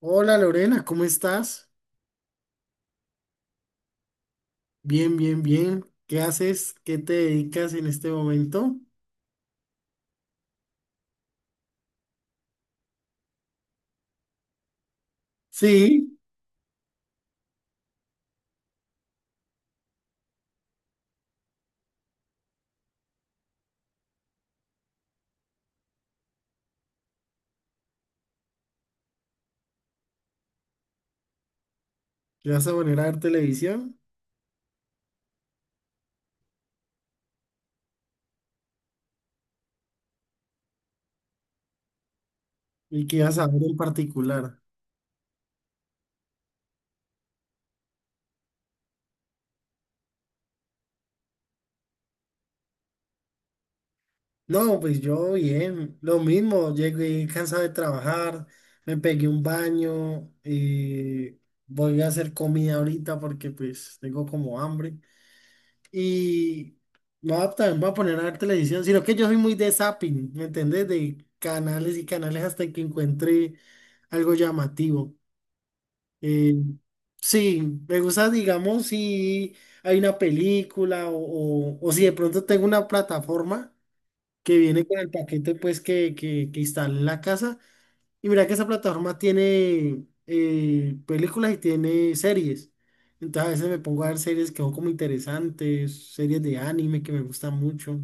Hola Lorena, ¿cómo estás? Bien, bien, bien. ¿Qué haces? ¿Qué te dedicas en este momento? Sí, ¿te vas a poner a ver televisión? ¿Y qué vas a ver en particular? No, pues yo bien, lo mismo, llegué cansado de trabajar, me pegué un baño, voy a hacer comida ahorita porque pues tengo como hambre. Y no va- también voy a poner a ver televisión, sino que yo soy muy de zapping, ¿me entendés? De canales y canales hasta que encuentre algo llamativo. Eh, sí, me gusta, digamos, si hay una película o si de pronto tengo una plataforma que viene con el paquete pues que instalé en la casa. Y mira que esa plataforma tiene películas y tiene series. Entonces a veces me pongo a ver series que son como interesantes, series de anime que me gustan mucho.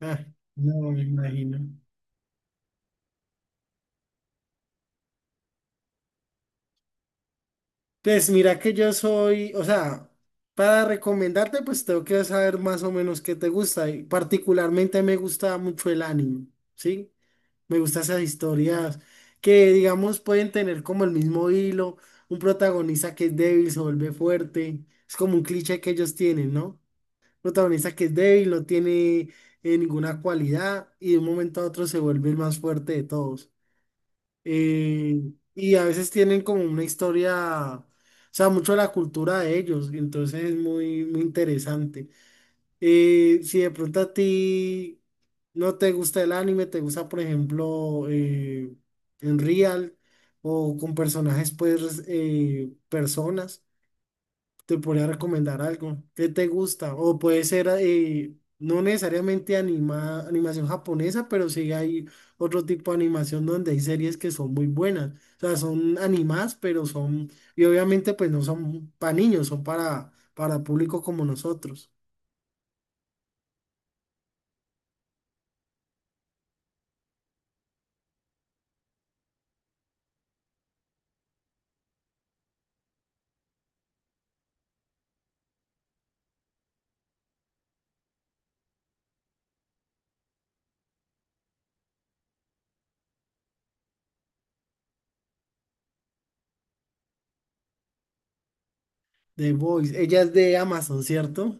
Ah, no me imagino. Pues mira que yo soy, o sea, para recomendarte, pues tengo que saber más o menos qué te gusta. Y particularmente me gusta mucho el anime, ¿sí? Me gustan esas historias que, digamos, pueden tener como el mismo hilo, un protagonista que es débil se vuelve fuerte, es como un cliché que ellos tienen, ¿no? Protagonista que es débil, no tiene ninguna cualidad y de un momento a otro se vuelve el más fuerte de todos. Eh, y a veces tienen como una historia, o sea, mucho de la cultura de ellos, y entonces es muy, muy interesante. Y si de pronto a ti no te gusta el anime, te gusta, por ejemplo, en Real o con personajes, pues, personas, te podría recomendar algo. ¿Qué te gusta? O puede ser, no necesariamente animación japonesa, pero sí hay otro tipo de animación donde hay series que son muy buenas. O sea, son animadas, pero son, y obviamente, pues no son para niños, son para público como nosotros. The Voice, ella es de Amazon, ¿cierto?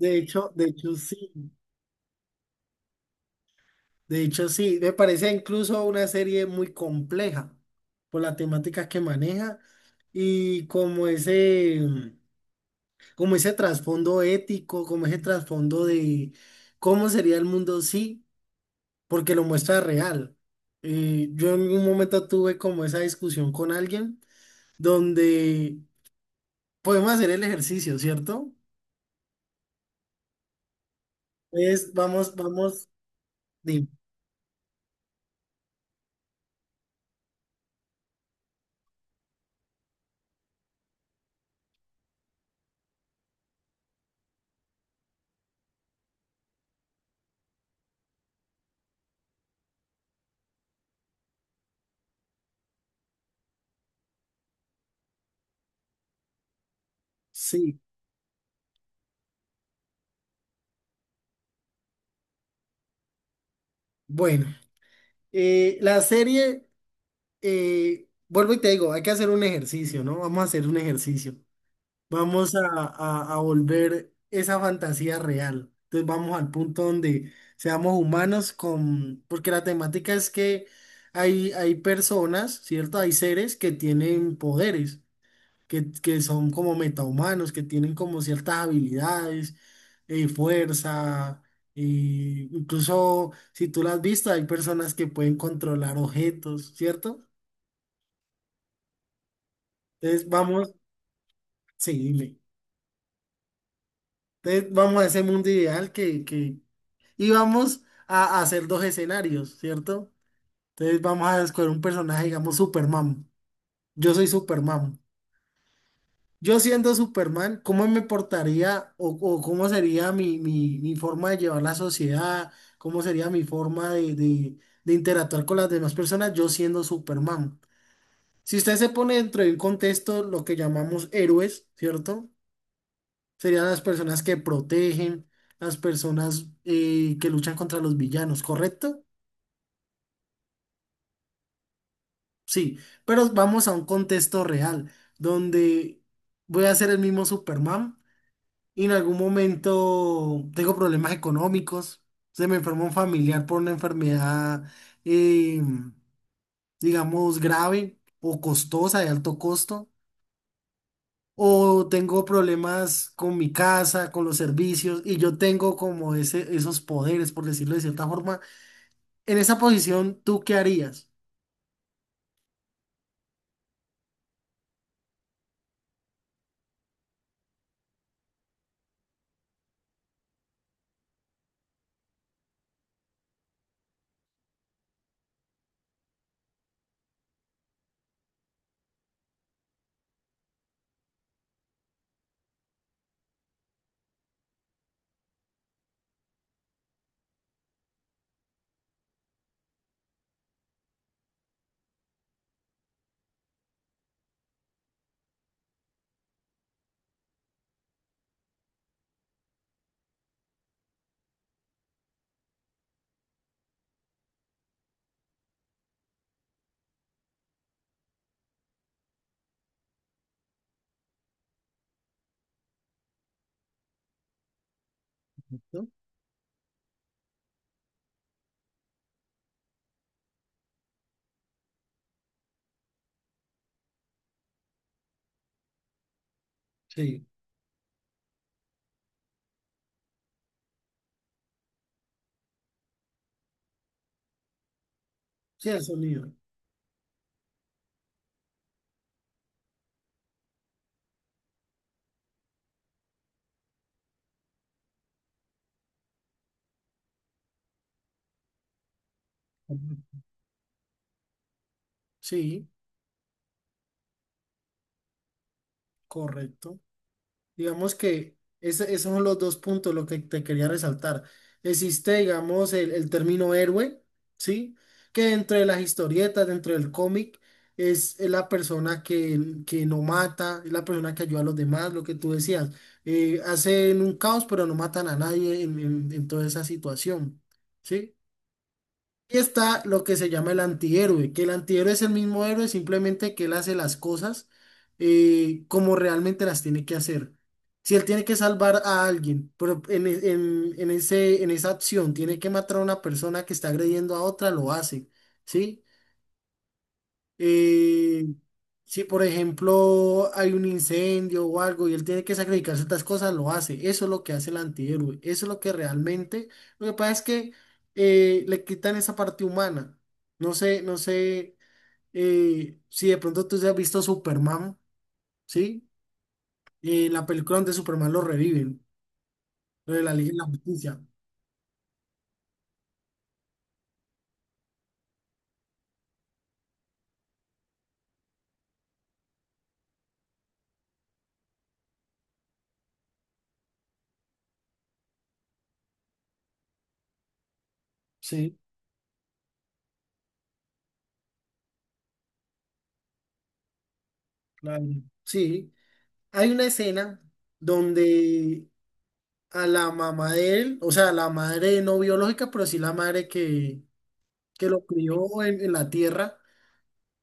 De hecho, de hecho sí, de hecho sí, me parece incluso una serie muy compleja por la temática que maneja y como ese trasfondo ético, como ese trasfondo de cómo sería el mundo sí, porque lo muestra real. Yo en un momento tuve como esa discusión con alguien donde podemos hacer el ejercicio, ¿cierto? Es, vamos, vamos, dime, sí. Bueno, la serie, vuelvo y te digo, hay que hacer un ejercicio, ¿no? Vamos a hacer un ejercicio. Vamos a, a volver esa fantasía real. Entonces vamos al punto donde seamos humanos con, porque la temática es que hay personas, ¿cierto? Hay seres que tienen poderes que son como metahumanos, que tienen como ciertas habilidades, fuerza, incluso si tú lo has visto, hay personas que pueden controlar objetos, ¿cierto? Entonces vamos, sí, dime. Entonces vamos a ese mundo ideal y vamos a hacer dos escenarios, ¿cierto? Entonces vamos a escoger un personaje, digamos Superman. Yo soy Superman. Yo siendo Superman, ¿cómo me portaría o cómo sería mi, mi forma de llevar la sociedad? ¿Cómo sería mi forma de, de interactuar con las demás personas? Yo siendo Superman. Si usted se pone dentro de un contexto, lo que llamamos héroes, ¿cierto? Serían las personas que protegen, las personas que luchan contra los villanos, ¿correcto? Sí, pero vamos a un contexto real, donde voy a ser el mismo Superman y en algún momento tengo problemas económicos. Se me enfermó un familiar por una enfermedad, eh, digamos, grave o costosa, de alto costo. O tengo problemas con mi casa, con los servicios, y yo tengo como ese, esos poderes, por decirlo de cierta forma. En esa posición, ¿tú qué harías? ¿No? Sí, sí, el sonido. Sí, correcto. Digamos que esos son los dos puntos lo que te quería resaltar. Existe, digamos, el término héroe, ¿sí? Que dentro de las historietas, dentro del cómic, es la persona que no mata, es la persona que ayuda a los demás, lo que tú decías. Hacen un caos, pero no matan a nadie en, en toda esa situación, ¿sí? Y está lo que se llama el antihéroe, que el antihéroe es el mismo héroe, simplemente que él hace las cosas como realmente las tiene que hacer. Si él tiene que salvar a alguien, pero en, en ese, en esa acción tiene que matar a una persona que está agrediendo a otra, lo hace, ¿sí? eh, si por ejemplo hay un incendio o algo y él tiene que sacrificar ciertas cosas, lo hace. Eso es lo que hace el antihéroe. Eso es lo que realmente. Lo que pasa es que le quitan esa parte humana. No sé, no sé si de pronto tú has visto Superman, ¿sí? La película donde Superman lo reviven, lo de la Liga de la Justicia. Sí, claro. Sí. Hay una escena donde a la mamá de él, o sea, a la madre no biológica, pero sí la madre que lo crió en la tierra,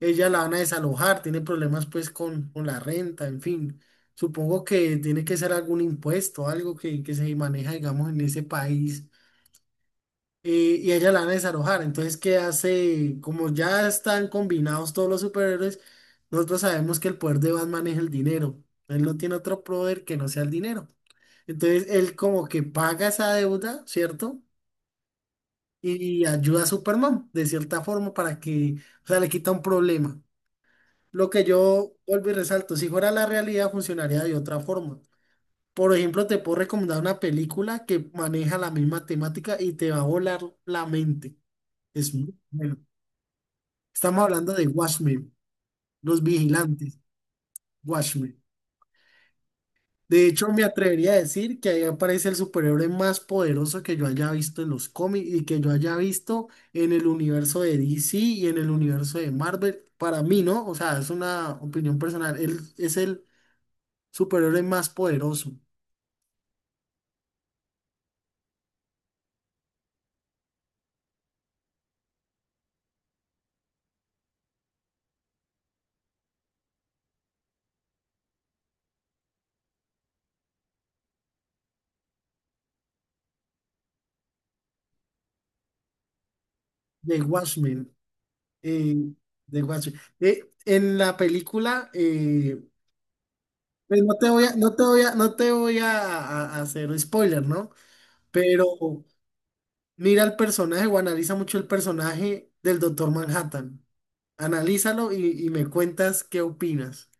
ella la van a desalojar, tiene problemas pues con la renta, en fin. Supongo que tiene que ser algún impuesto, algo que se maneja, digamos, en ese país, y a ella la van a desalojar. Entonces, ¿qué hace? Como ya están combinados todos los superhéroes, nosotros sabemos que el poder de Batman es el dinero. Él no tiene otro poder que no sea el dinero. Entonces él como que paga esa deuda, ¿cierto? Y ayuda a Superman de cierta forma para que, o sea, le quita un problema. Lo que yo vuelvo y resalto, si fuera la realidad funcionaría de otra forma. Por ejemplo, te puedo recomendar una película que maneja la misma temática y te va a volar la mente. Es muy bueno. Estamos hablando de Watchmen, Los Vigilantes, Watchmen. De hecho, me atrevería a decir que ahí aparece el superhéroe más poderoso que yo haya visto en los cómics y que yo haya visto en el universo de DC y en el universo de Marvel. Para mí, ¿no? O sea, es una opinión personal. Él es el superhéroe más poderoso de Watchmen. eh, de Watchmen. En la película, pues no te voy a a hacer spoiler, ¿no? Pero mira el personaje o analiza mucho el personaje del Doctor Manhattan. Analízalo y me cuentas qué opinas,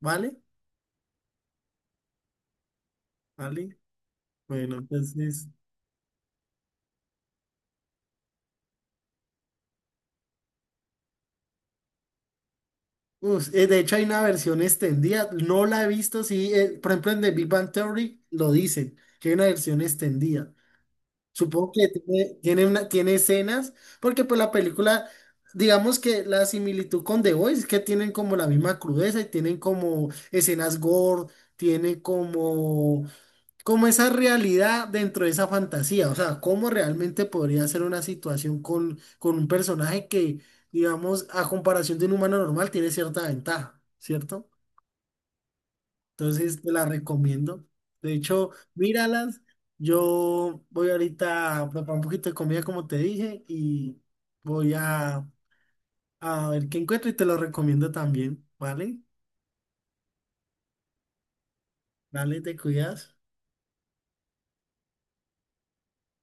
¿vale? ¿Vale? Bueno, entonces... de hecho, hay una versión extendida, no la he visto, sí, por ejemplo en The Big Bang Theory lo dicen, que hay una versión extendida. Supongo que tiene, tiene, tiene escenas, porque pues la película, digamos que la similitud con The Voice es que tienen como la misma crudeza y tienen como escenas gore, tienen como... como esa realidad dentro de esa fantasía, o sea, cómo realmente podría ser una situación con un personaje que, digamos, a comparación de un humano normal, tiene cierta ventaja, ¿cierto? Entonces, te la recomiendo. De hecho, míralas. Yo voy ahorita a preparar un poquito de comida, como te dije, y voy a ver qué encuentro y te lo recomiendo también, ¿vale? Dale, te cuidas.